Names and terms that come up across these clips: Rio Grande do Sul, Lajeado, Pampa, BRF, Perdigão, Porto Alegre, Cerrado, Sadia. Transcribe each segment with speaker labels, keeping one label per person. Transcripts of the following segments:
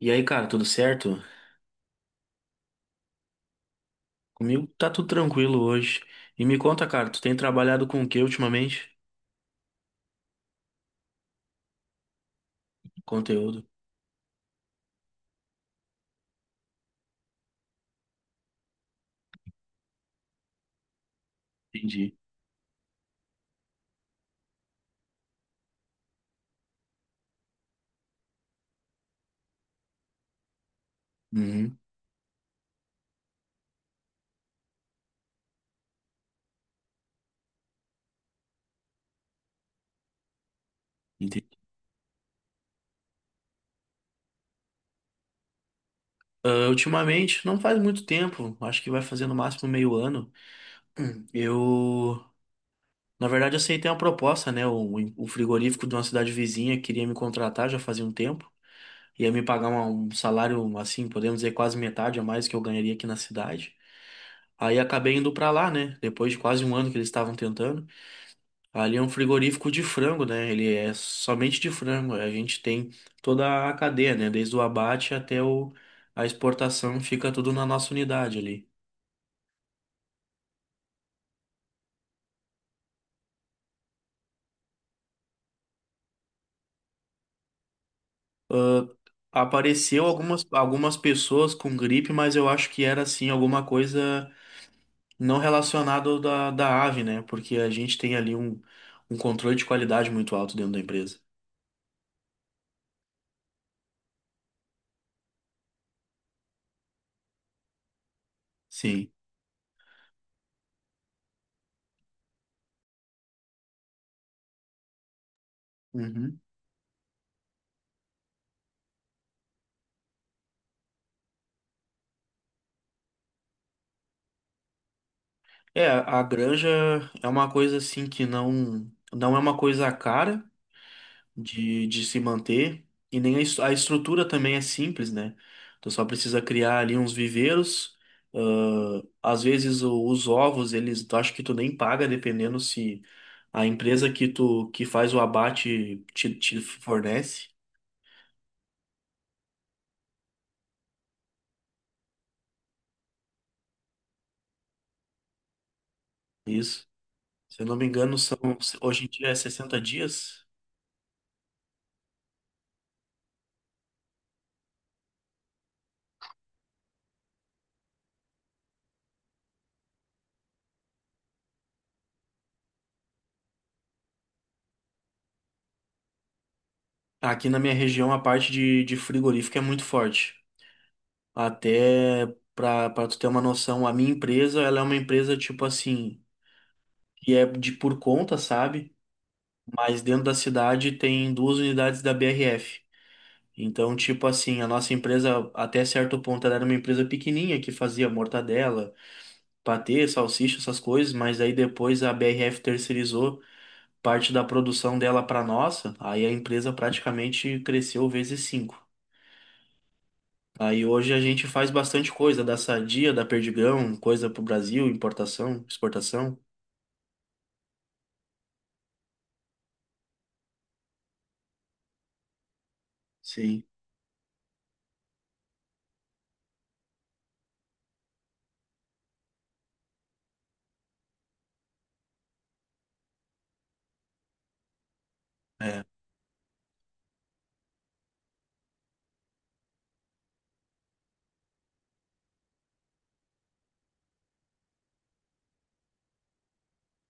Speaker 1: E aí, cara, tudo certo? Comigo tá tudo tranquilo hoje. E me conta, cara, tu tem trabalhado com o que ultimamente? Conteúdo. Entendi. Uhum, entendi. Ah, ultimamente, não faz muito tempo, acho que vai fazer no máximo meio ano. Eu, na verdade, aceitei uma proposta, né? O frigorífico de uma cidade vizinha queria me contratar já fazia um tempo. Ia me pagar um salário, assim, podemos dizer, quase metade a mais que eu ganharia aqui na cidade. Aí acabei indo pra lá, né? Depois de quase um ano que eles estavam tentando. Ali é um frigorífico de frango, né? Ele é somente de frango. A gente tem toda a cadeia, né? Desde o abate até a exportação, fica tudo na nossa unidade ali. Ah, apareceu algumas pessoas com gripe, mas eu acho que era assim alguma coisa não relacionada da ave, né? Porque a gente tem ali um controle de qualidade muito alto dentro da empresa. Sim. Uhum. É, a granja é uma coisa assim que não, não é uma coisa cara. De se manter. E nem a estrutura também é simples, né? Tu só precisa criar ali uns viveiros. Às vezes os ovos, eles, tu acho que tu nem paga, dependendo se a empresa que tu que faz o abate te fornece. Isso. Se eu não me engano, são hoje em dia é 60 dias. Aqui na minha região, a parte de frigorífico é muito forte. Até para tu ter uma noção, a minha empresa, ela é uma empresa tipo assim, que é de por conta, sabe? Mas dentro da cidade tem duas unidades da BRF. Então, tipo assim, a nossa empresa, até certo ponto, ela era uma empresa pequenininha que fazia mortadela, patê, salsicha, essas coisas, mas aí depois a BRF terceirizou parte da produção dela para nossa, aí a empresa praticamente cresceu vezes cinco. Aí hoje a gente faz bastante coisa da Sadia, da Perdigão, coisa pro Brasil, importação, exportação. Sim. É.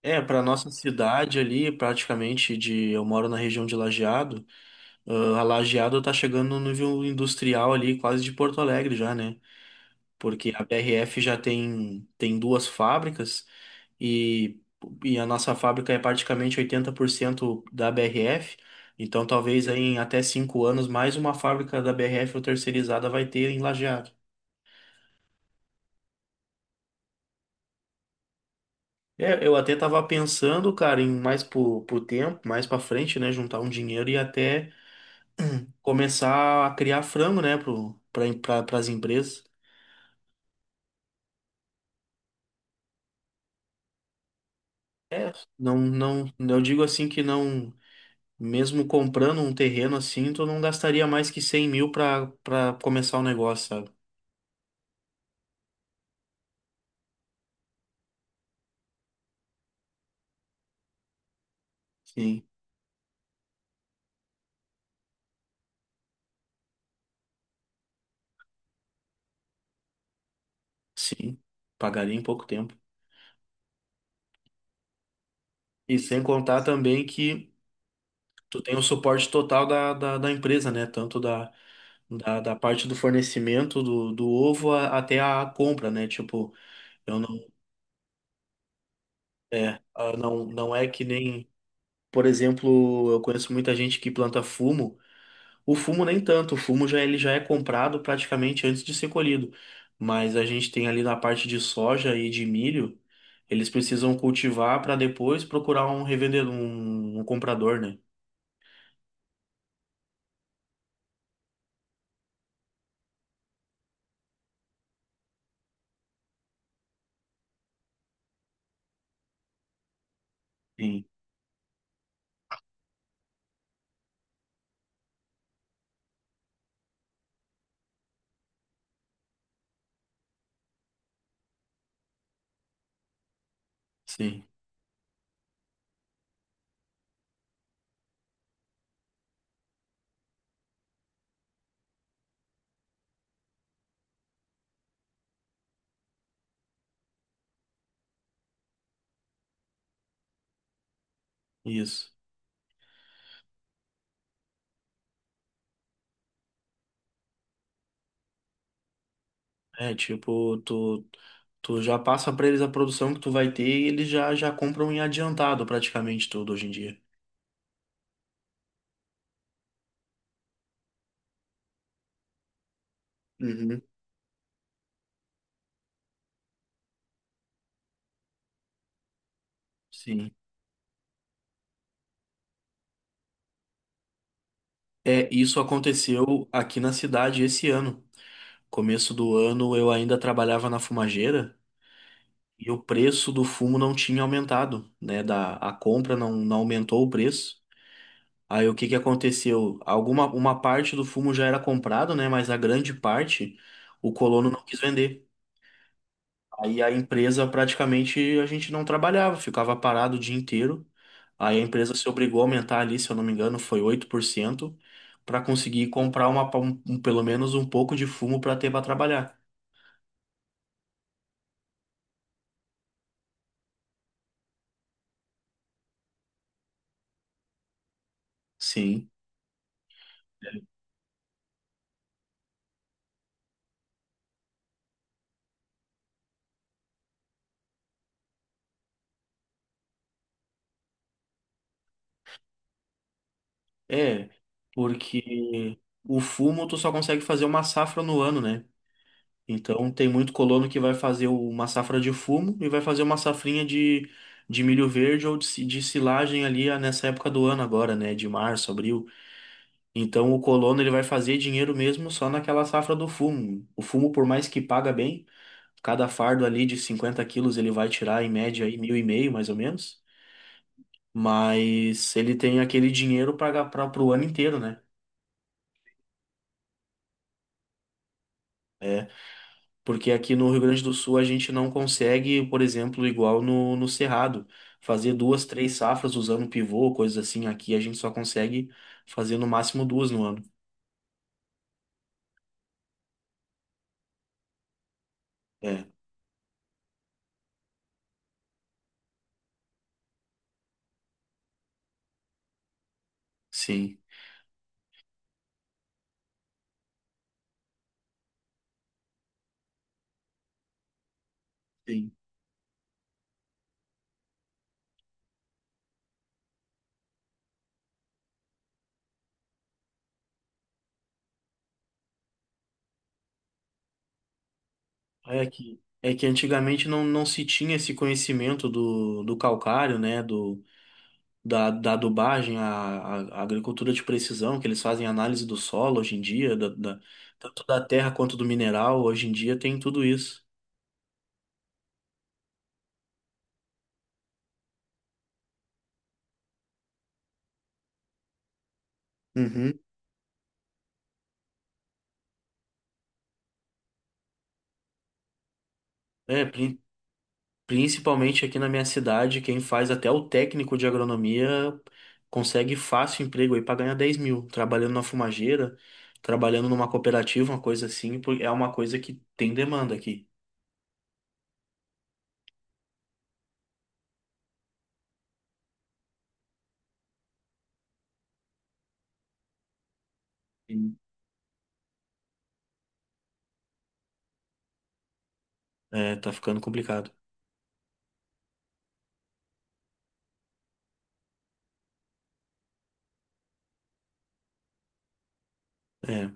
Speaker 1: É, para nossa cidade ali, eu moro na região de Lajeado, ah, a Lajeado tá chegando no nível industrial ali, quase de Porto Alegre já, né? Porque a BRF já tem duas fábricas e, e a nossa fábrica é praticamente 80% da BRF, então talvez aí em até 5 anos mais uma fábrica da BRF ou terceirizada vai ter em Lajeado. É, eu até tava pensando, cara, em mais pro tempo, mais pra frente, né, juntar um dinheiro e até começar a criar frango, né, para as empresas. É, não, não, eu digo assim que não, mesmo comprando um terreno assim, tu não gastaria mais que 100 mil para começar o negócio, sabe? Sim, sim, pagaria em pouco tempo. E sem contar também que tu tem o suporte total da empresa, né, tanto da parte do fornecimento do ovo até a compra, né, tipo, eu não, é, ah, não é que nem. Por exemplo, eu conheço muita gente que planta fumo. O fumo nem tanto, o fumo já ele já é comprado praticamente antes de ser colhido. Mas a gente tem ali na parte de soja e de milho, eles precisam cultivar para depois procurar um revendedor, um comprador, né? Sim, sim, isso. É, tipo, tu, tu já passa para eles a produção que tu vai ter e eles já compram em adiantado praticamente tudo hoje em dia. Uhum, sim. É, isso aconteceu aqui na cidade esse ano. Começo do ano eu ainda trabalhava na fumageira e o preço do fumo não tinha aumentado, né? Da, a compra não, não aumentou o preço. Aí o que que aconteceu? Alguma uma parte do fumo já era comprado, né? Mas a grande parte o colono não quis vender. Aí a empresa praticamente a gente não trabalhava, ficava parado o dia inteiro. Aí a empresa se obrigou a aumentar ali, se eu não me engano, foi 8% para conseguir comprar pelo menos um pouco de fumo para ter para trabalhar. Sim. É, porque o fumo tu só consegue fazer uma safra no ano, né? Então tem muito colono que vai fazer uma safra de fumo e vai fazer uma safrinha de milho verde ou de silagem ali ah, nessa época do ano agora, né? De março, abril. Então o colono ele vai fazer dinheiro mesmo só naquela safra do fumo. O fumo, por mais que paga bem, cada fardo ali de 50 quilos ele vai tirar em média aí mil e meio, mais ou menos. Mas ele tem aquele dinheiro para para o ano inteiro, né? É, porque aqui no Rio Grande do Sul a gente não consegue, por exemplo, igual no Cerrado, fazer duas, três safras usando pivô, coisas assim. Aqui a gente só consegue fazer no máximo duas no ano. É, sim. Sim. É que antigamente não, não se tinha esse conhecimento do calcário, né? Da adubagem, a agricultura de precisão, que eles fazem análise do solo hoje em dia, tanto da terra quanto do mineral. Hoje em dia tem tudo isso. Uhum. É, prin- Principalmente aqui na minha cidade, quem faz até o técnico de agronomia consegue fácil emprego aí para ganhar 10 mil, trabalhando na fumageira, trabalhando numa cooperativa, uma coisa assim, porque é uma coisa que tem demanda aqui. Sim. É, tá ficando complicado. É,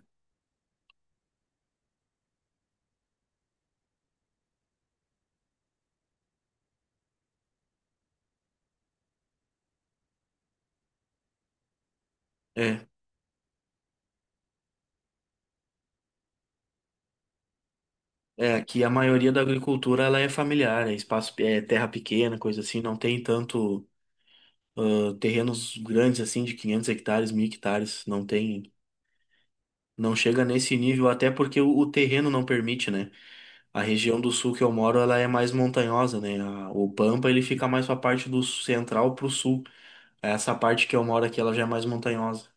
Speaker 1: é, aqui a maioria da agricultura ela é familiar, é espaço, é terra pequena, coisa assim, não tem tanto terrenos grandes assim de 500 hectares, 1000 hectares, não tem, não chega nesse nível, até porque o terreno não permite, né? A região do sul que eu moro, ela é mais montanhosa, né? O Pampa, ele fica mais pra parte do central pro sul. Essa parte que eu moro aqui, ela já é mais montanhosa,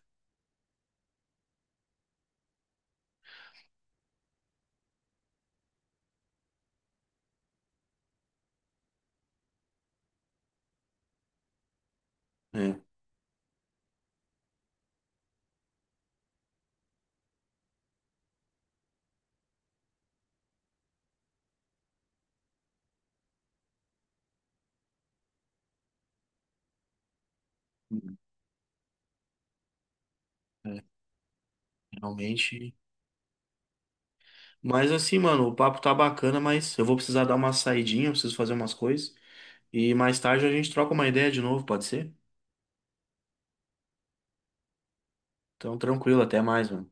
Speaker 1: né? É, realmente. Mas assim, mano, o papo tá bacana, mas eu vou precisar dar uma saidinha, eu preciso fazer umas coisas. E mais tarde a gente troca uma ideia de novo, pode ser? Então, tranquilo, até mais, mano.